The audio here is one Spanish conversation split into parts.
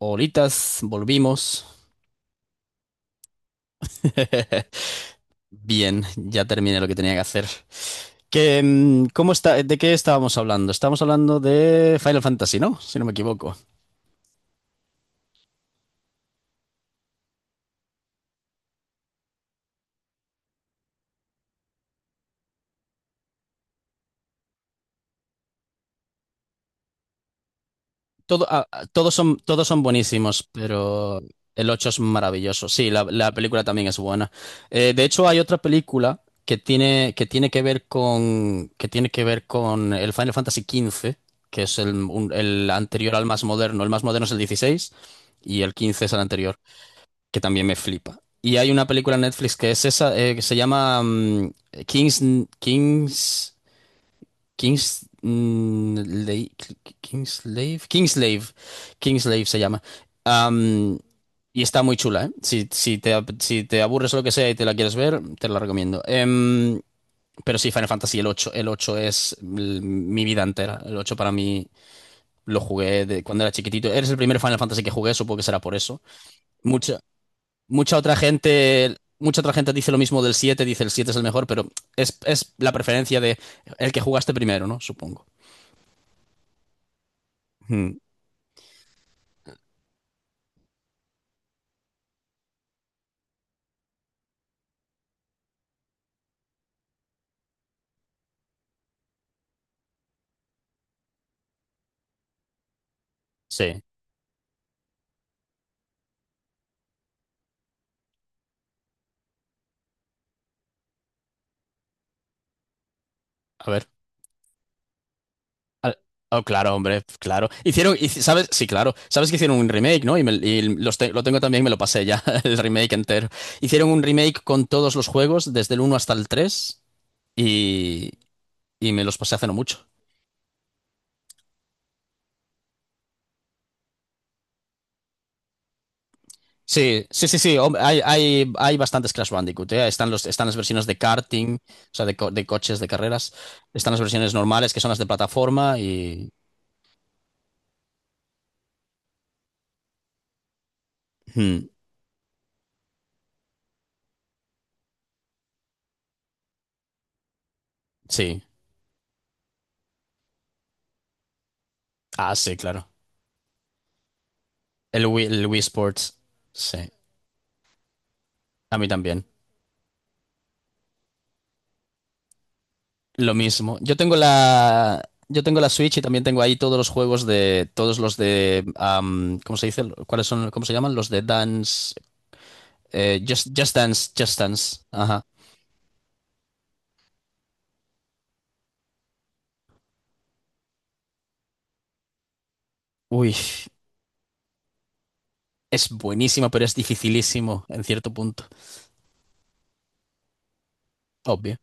Horitas, volvimos. Bien, ya terminé lo que tenía que hacer. Que, ¿cómo está, de qué estábamos hablando? Estábamos hablando de Final Fantasy, ¿no? Si no me equivoco. Todos son buenísimos, pero el 8 es maravilloso. Sí, la película también es buena. De hecho, hay otra película que que tiene que ver con, que tiene que ver con el Final Fantasy 15, que es el anterior al más moderno. El más moderno es el 16 y el 15 es el anterior, que también me flipa. Y hay una película en Netflix que es esa, que se llama Kings, Kings, Kings, Lei- Kingslave, Kingslave, Kingslave se llama. Am, y está muy chula, ¿eh? Si te aburres o lo que sea y te la quieres ver, te la recomiendo. Pero sí, Final Fantasy, el ocho es mi vida entera. El 8 para mí lo jugué de cuando era chiquitito. Eres el primer Final Fantasy que jugué, supongo que será por eso. Mucha, mucha otra gente dice lo mismo del 7, dice el 7 es el mejor, pero es la preferencia de el que jugaste primero, ¿no? Supongo. Hmm. Sí, a ver. Al- Oh, claro, hombre, claro. ¿Sabes? Sí, claro. Sabes que hicieron un remake, ¿no? Y lo tengo también, me lo pasé ya, el remake entero. Hicieron un remake con todos los juegos, desde el uno hasta el 3 y, y me los pasé hace no mucho. Sí, sí, sí, sí. Hay bastantes Crash Bandicoot, ¿eh? Están las versiones de karting, o sea, de coches, de carreras. Están las versiones normales, que son las de plataforma, y. Hmm, sí. Ah, sí, claro. El Wii Sports. Sí. A mí también. Lo mismo. Yo tengo la. Yo tengo la Switch y también tengo ahí todos los juegos de. Todos los de. ¿Cómo se dice? ¿Cuáles son? ¿Cómo se llaman? Los de Dance. Just Dance. Just Dance. Ajá. Uy. Es buenísimo, pero es dificilísimo en cierto punto. Obvio.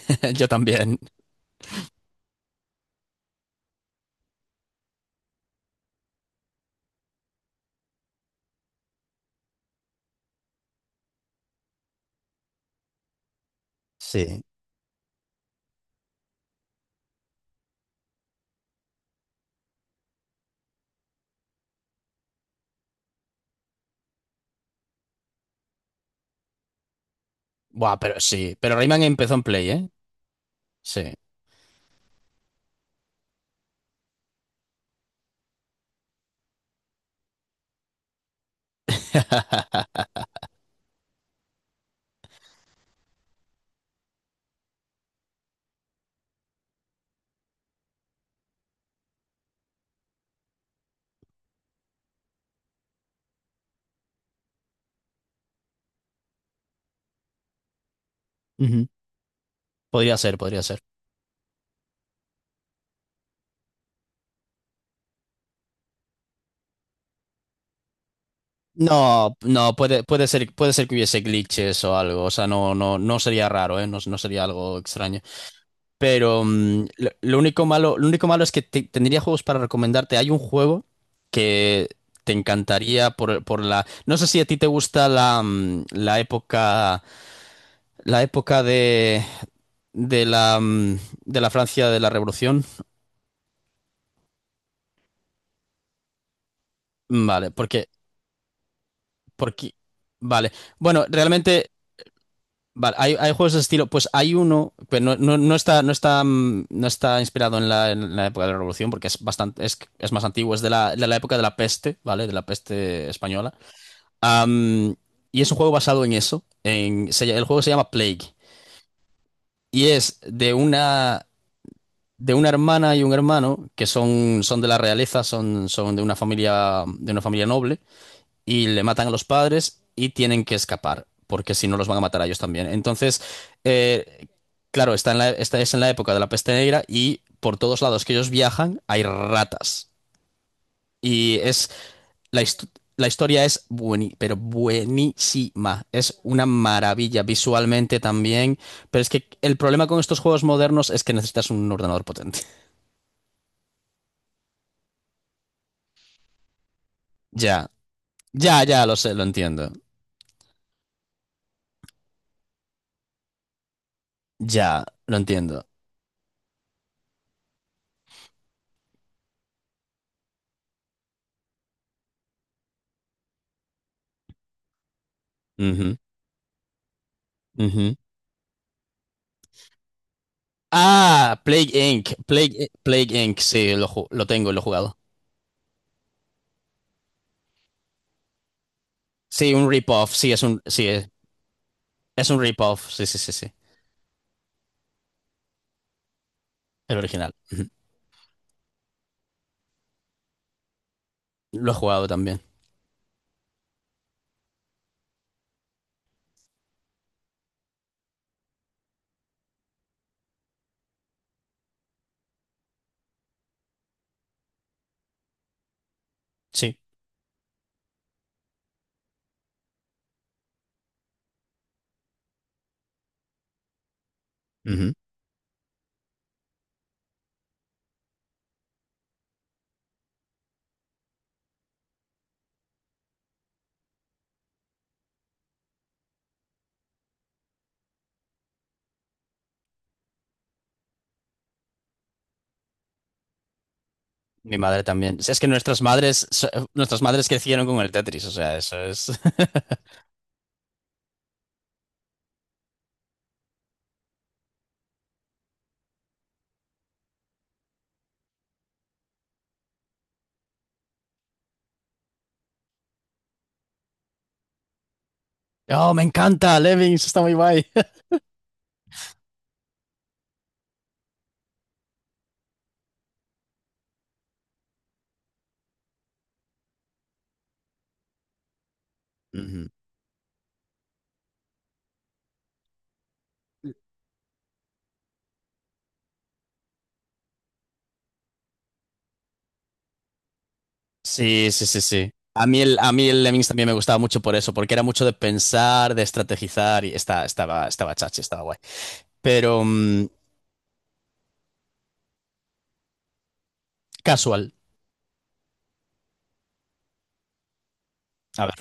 Yo también. Sí. Buah, pero sí. Pero Rayman empezó en Play, ¿eh? Sí. Ujú. Podría ser, podría ser. No, no, puede ser que hubiese glitches o algo. O sea, no sería raro, ¿eh? No sería algo extraño. Pero lo único malo es que tendría juegos para recomendarte. Hay un juego que te encantaría por, la. No sé si a ti te gusta la, la época La época de, de la, mm, de la Francia de la Revolución. Vale, porque, vale. Bueno, realmente, vale, hay juegos de estilo. Pues hay uno, pero no está inspirado en la, época de la Revolución, porque es más antiguo, es de la época de la peste, ¿vale? De la peste española. Am, y es un juego basado en eso. El juego se llama Plague. Y es de una hermana y un hermano que son de la realeza, son de una familia noble, y le matan a los padres y tienen que escapar, porque si no los van a matar a ellos también. Entonces, eh, claro, esta es en la época de la peste negra y por todos lados que ellos viajan hay ratas. Y es la, hist- la historia es pero buenísima. Es una maravilla visualmente también. Pero es que el problema con estos juegos modernos es que necesitas un ordenador potente. Ya, ya, ya, lo sé, lo entiendo. Ya, lo entiendo. Ujú, ujú. Ah, Plague Inc. Plague Inc. Sí, lo tengo, y lo he jugado. Sí, un rip-off. Sí, es un rip-off. Sí, sí, sí, sí. El original. Lo he jugado también. Sí. Ujú. Mi madre también. Sí, es que nuestras madres crecieron con el Tetris. O sea, eso es. Oh, me encanta, Lemmings, está muy guay. Ujú. Sí, sí, sí, sí. A mí el Lemmings también me gustaba mucho por eso, porque era mucho de pensar, de estrategizar y estaba chachi, estaba guay. Pero casual, a ver.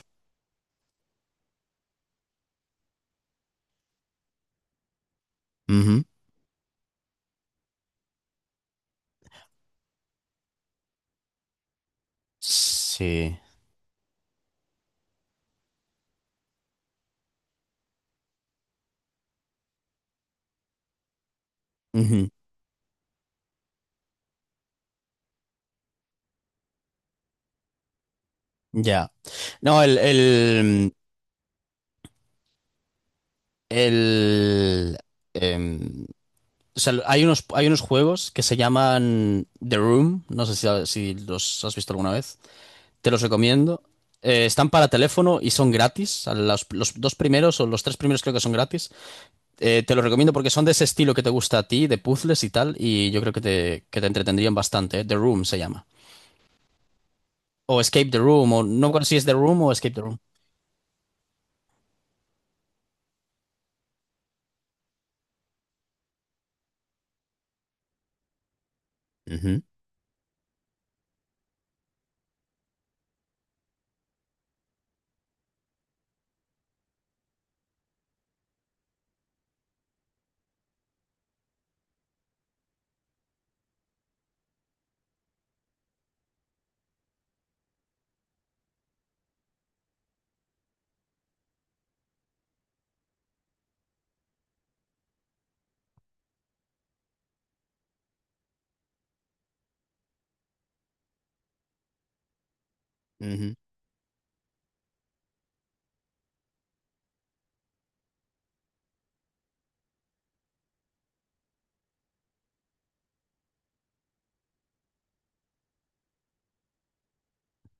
Ujú. Sí. Ujú. Ya. No, el, em, o sea, hay unos juegos que se llaman The Room, no sé si los has visto alguna vez, te los recomiendo. Están para teléfono y son gratis. Los dos primeros o los tres primeros creo que son gratis. Te lo recomiendo porque son de ese estilo que te gusta a ti, de puzzles y tal, y yo creo que te entretendrían bastante. ¿Eh? The Room se llama. O Escape the Room, o no me acuerdo si es The Room o Escape the Room. Ujú, ujú.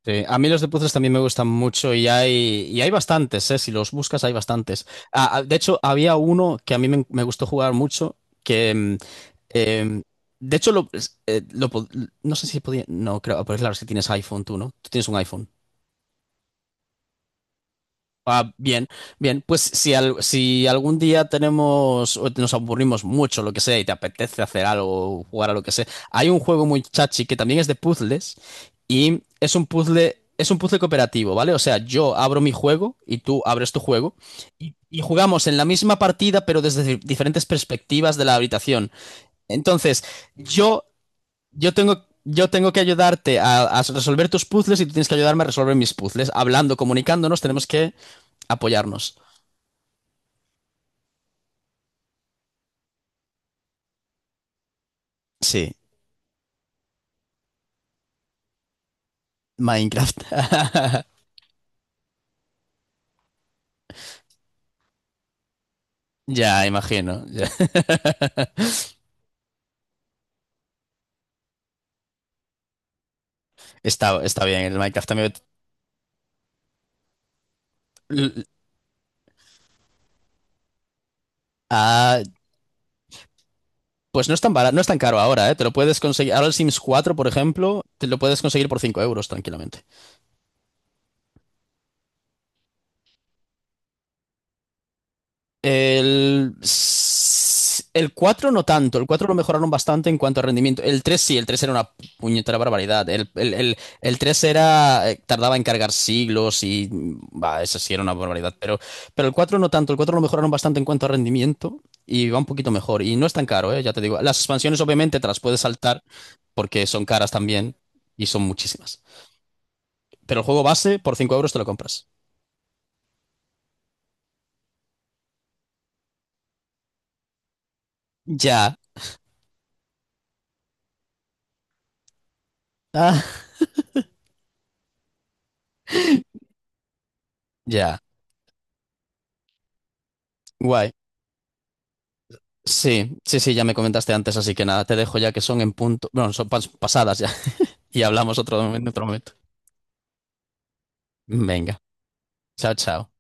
Sí, a mí los de puzzles también me gustan mucho y hay bastantes, ¿eh? Si los buscas hay bastantes. De hecho, había uno que a mí me gustó jugar mucho, que... mm, em, de hecho, lo, es- lo pod- no sé si podía. No, creo, pues claro, es que tienes iPhone tú, ¿no? Tú tienes un iPhone. Ah, bien, pues si algún día tenemos o nos aburrimos mucho, lo que sea, y te apetece hacer algo, jugar a lo que sea, hay un juego muy chachi que también es de puzzles y es un puzzle, cooperativo, ¿vale? O sea, yo abro mi juego y tú abres tu juego y jugamos en la misma partida pero desde diferentes perspectivas de la habitación. Entonces, yo yo tengo que ayudarte a resolver tus puzzles y tú tienes que ayudarme a resolver mis puzzles. Hablando, comunicándonos, tenemos que apoyarnos. Sí, Minecraft. Ya, imagino. Ya. Está bien, el Minecraft también. L- ah, pues no es tan caro ahora, ¿eh? Te lo puedes conseguir. Ahora el Sims 4, por ejemplo, te lo puedes conseguir por 5 euros tranquilamente. El, el cuatro no tanto, el 4 lo mejoraron bastante en cuanto a rendimiento. El 3 sí, el 3 era una puñetera barbaridad. El 3 era, tardaba en cargar siglos y va, eso sí era una barbaridad. Pero el 4 no tanto, el 4 lo mejoraron bastante en cuanto a rendimiento y va un poquito mejor. Y no es tan caro, ya te digo. Las expansiones obviamente te las puedes saltar porque son caras también y son muchísimas. Pero el juego base por 5 euros te lo compras. Ya, ah, ya, guay. Sí, sí, sí, ya me comentaste antes, así que nada, te dejo ya que son en punto, bueno, son pasadas ya, y hablamos otro momento, en otro momento. Venga, chao, chao.